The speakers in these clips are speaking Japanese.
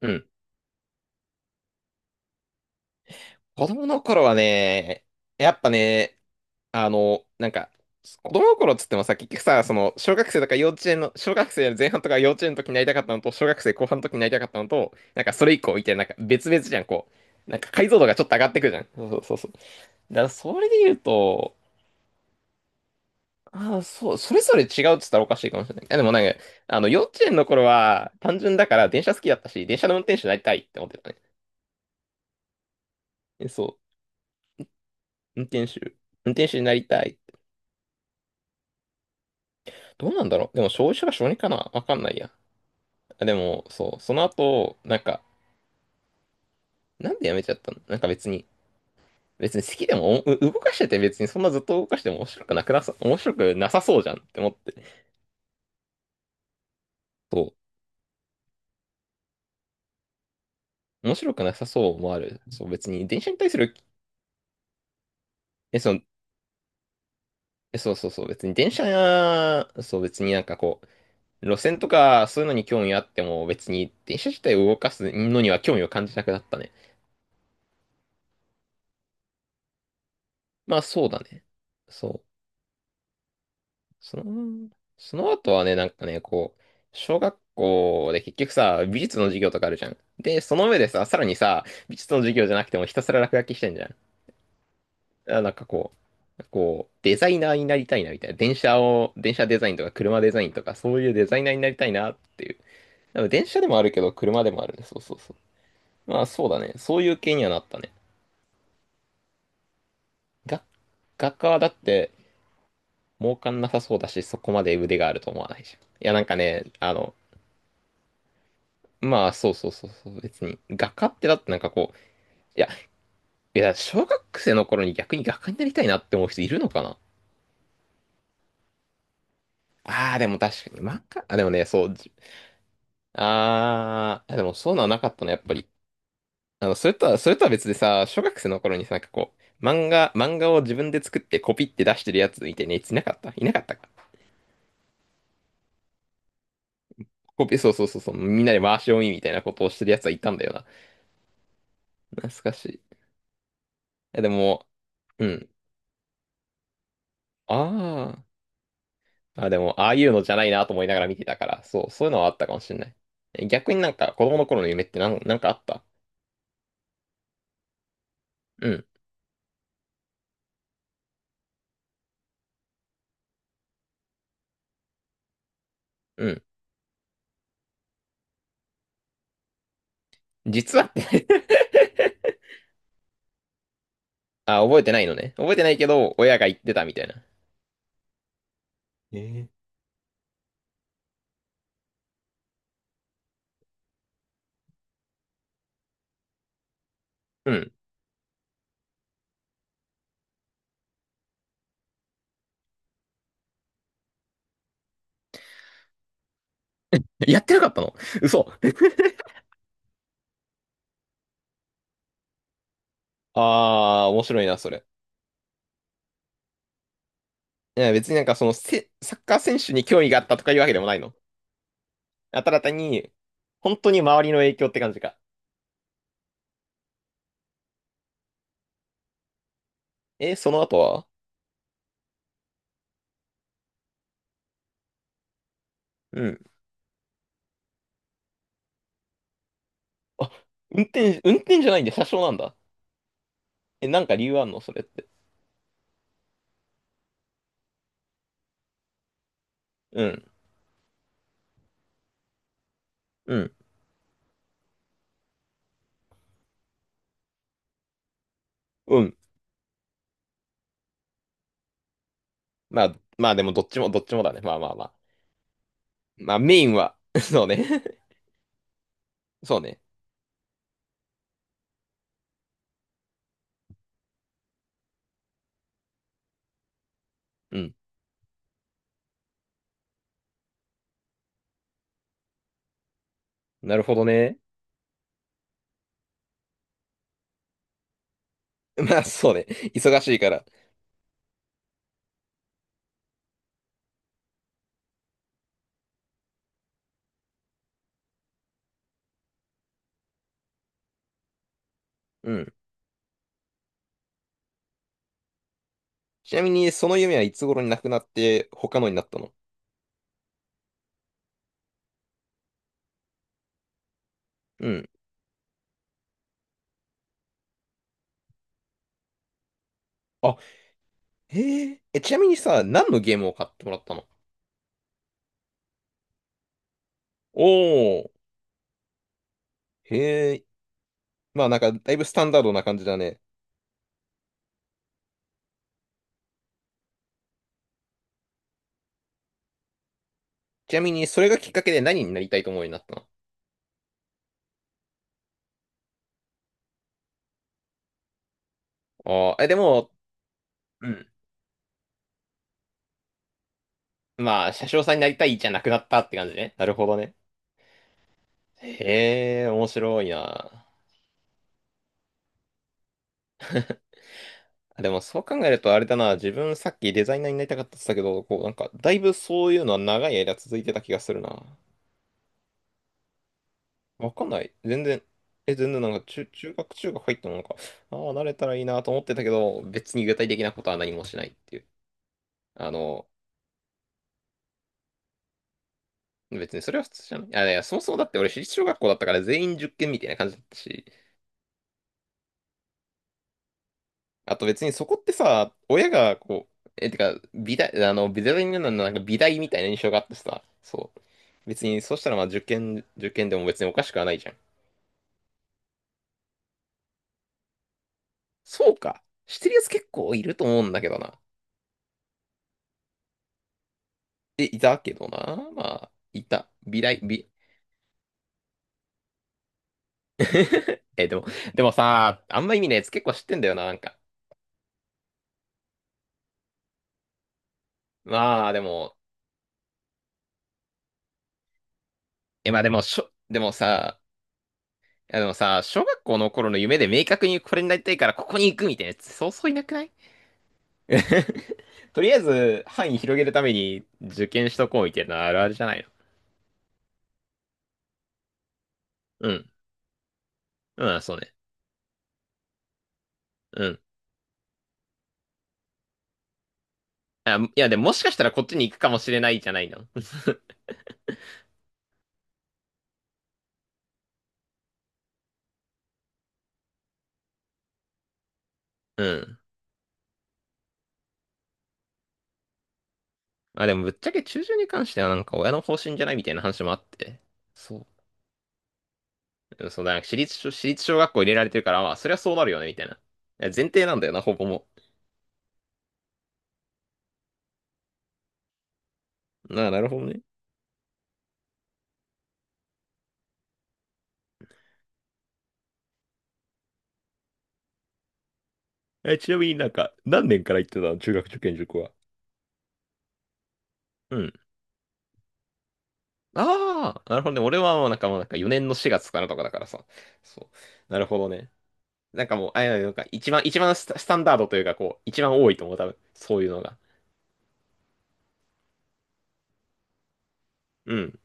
うん。子供の頃はね、やっぱね、あの、なんか、子供の頃っつってもさ、結局さ、小学生とか幼稚園の、小学生の前半とか幼稚園の時になりたかったのと、小学生後半の時になりたかったのと、なんかそれ以降みたいな、なんか別々じゃん、なんか解像度がちょっと上がってくるじゃん。そうそうそう。だからそれで言うと、ああ、そう、それぞれ違うっつったらおかしいかもしれない。いやでもなんか、幼稚園の頃は単純だから電車好きだったし、電車の運転手になりたいって思ってたね。えそう。運転手。運転手になりたい。どうなんだろう。でも、小1から小2かなわかんないや。あでも、そう、その後、なんでやめちゃったの？なんか別に、別に好きでも、おう動かしてて別にそんなずっと動かしても面白くなくなさ、面白くなさそうじゃんって思って。そう、面白くなさそうもある。そう、別に電車に対する、そう、そうそうそう、別に電車や、そう、別になんかこう、路線とかそういうのに興味あっても、別に電車自体を動かすのには興味を感じなくなったね。まあ、そうだね。そう。その、その後はね、なんかね、小学校で結局さ、美術の授業とかあるじゃん。で、その上でさ、さらにさ、美術の授業じゃなくてもひたすら落書きしてんじゃん。あ、なんかデザイナーになりたいなみたいな。電車を、電車デザインとか車デザインとか、そういうデザイナーになりたいなっていう。でも電車でもあるけど、車でもあるね。そうそうそう。まあそうだね。そういう系にはなったね。が学科はだって、儲かんなさそうだし、そこまで腕があると思わないじゃん。いや、なんかね、まあ、そうそうそうそう、別に。画家ってだってなんかこう、いや、いや、小学生の頃に逆に画家になりたいなって思う人いるのかな？ああー、でも確かに、漫画、あ、でもね、そう、ああ、でもそういうのはなかったの、やっぱり。それとは別でさ、小学生の頃にさ、なんかこう、漫画を自分で作ってコピって出してるやつみたいなやついなかったか。そうそうそうそう、みんなで回し読みみたいなことをしてるやつはいたんだよな。懐かしい。いやでも、うん。ああ。あ、でも、ああいうのじゃないなと思いながら見てたから、そう、そういうのはあったかもしれない。え逆になんか子供の頃の夢ってなんかあった？うん、うん。実はって あ、覚えてないのね。覚えてないけど、親が言ってたみたいな。えーうん。やってなかったの？嘘。ああ、面白いな、それ。いや、別になんかそのせ、サッカー選手に興味があったとかいうわけでもないの。あただ単に、本当に周りの影響って感じか。え、その後は？うん。あ、運転じゃないんで車掌なんだ。え、なんか理由あんのそれって？うん。うん。うん。まあ、でもどっちも、どっちもだね。まあまあまあ。まあメインは、そうね。そうね。うん。なるほどね。まあそうね。忙しいから。うん。ちなみに、その夢はいつ頃になくなって、他のになったの？うん。あ、へえ。え、ちなみにさ、何のゲームを買ってもらったの？おー。へえ。まあなんか、だいぶスタンダードな感じだね。ちなみに、それがきっかけで何になりたいと思うようになったの？ああー、え、でも、うん。まあ、車掌さんになりたいじゃなくなったって感じね。なるほどね。へえ、面白いな。でもそう考えるとあれだな、自分さっきデザイナーになりたかったって言ったけど、こうなんかだいぶそういうのは長い間続いてた気がするな。わかんない。全然なんか中学入ってもなんか、ああ、慣れたらいいなと思ってたけど、別に具体的なことは何もしないっていう。あの、別にそれは普通じゃない？あ、いや、そもそもだって俺私立小学校だったから全員受験みたいな感じだったし、あと別にそこってさ、親がこう、え、てか、美大なのなんか美大みたいな印象があってさ、そう。別に、そうしたらまあ受験でも別におかしくはないじゃん。そうか。してるやつ結構いると思うんだけどな。え、いたけどな。まあ、いた。美大、美。え、でもさ、あんま意味ないやつ結構知ってんだよな、なんか。まあ、でも、え、まあでも、しょ、でもさ、いやでもさ、小学校の頃の夢で明確にこれになりたいからここに行くみたいなやつ、そうそういなくない？ とりあえず、範囲広げるために受験しとこうみたいなのあるあるじゃないの。うん。うん、そうね。うん。あ、いや、でももしかしたらこっちに行くかもしれないじゃないの。うん。まあでもぶっちゃけ中旬に関してはなんか親の方針じゃないみたいな話もあって。そう。うんそうだ、私立小学校入れられてるから、まあそりゃそうなるよねみたいな。いや前提なんだよな、ほぼもう。なあ、なるほどね。え、ちなみになんか、何年から行ってたの中学受験塾は？うん。ああ、なるほどね。俺はもうなんか4年の4月からとかだからさ。そう。なるほどね。なんかもう、あ、いやなんか一番スタンダードというかこう、一番多いと思う、多分。そういうのが。うん。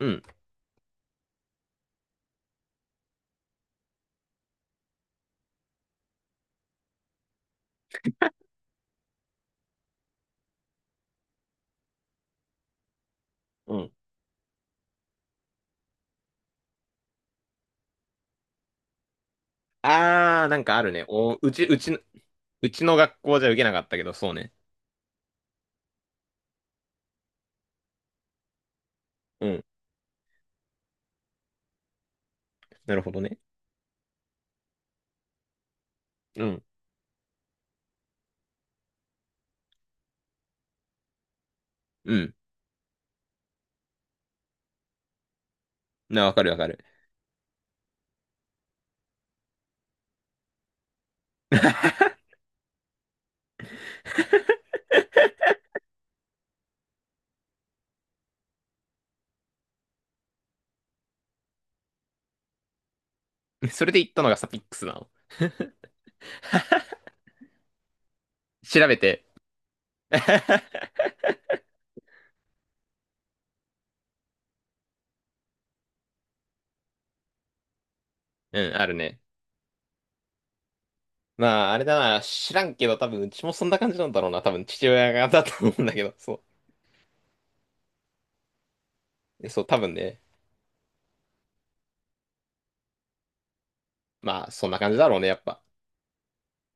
うん。うん。ああ、なんかあるね。お、うちの学校じゃ受けなかったけど、そうね。うん。なるほどね。うん。うん。な、わかるわかる。それで言ったのがサピックスなの？調べて。うん、あるね。まあ、あれだな、知らんけど、多分、うちもそんな感じなんだろうな。多分、父親がだと思うんだけど、そう。そう、多分ね。まあ、そんな感じだろうね、やっぱ。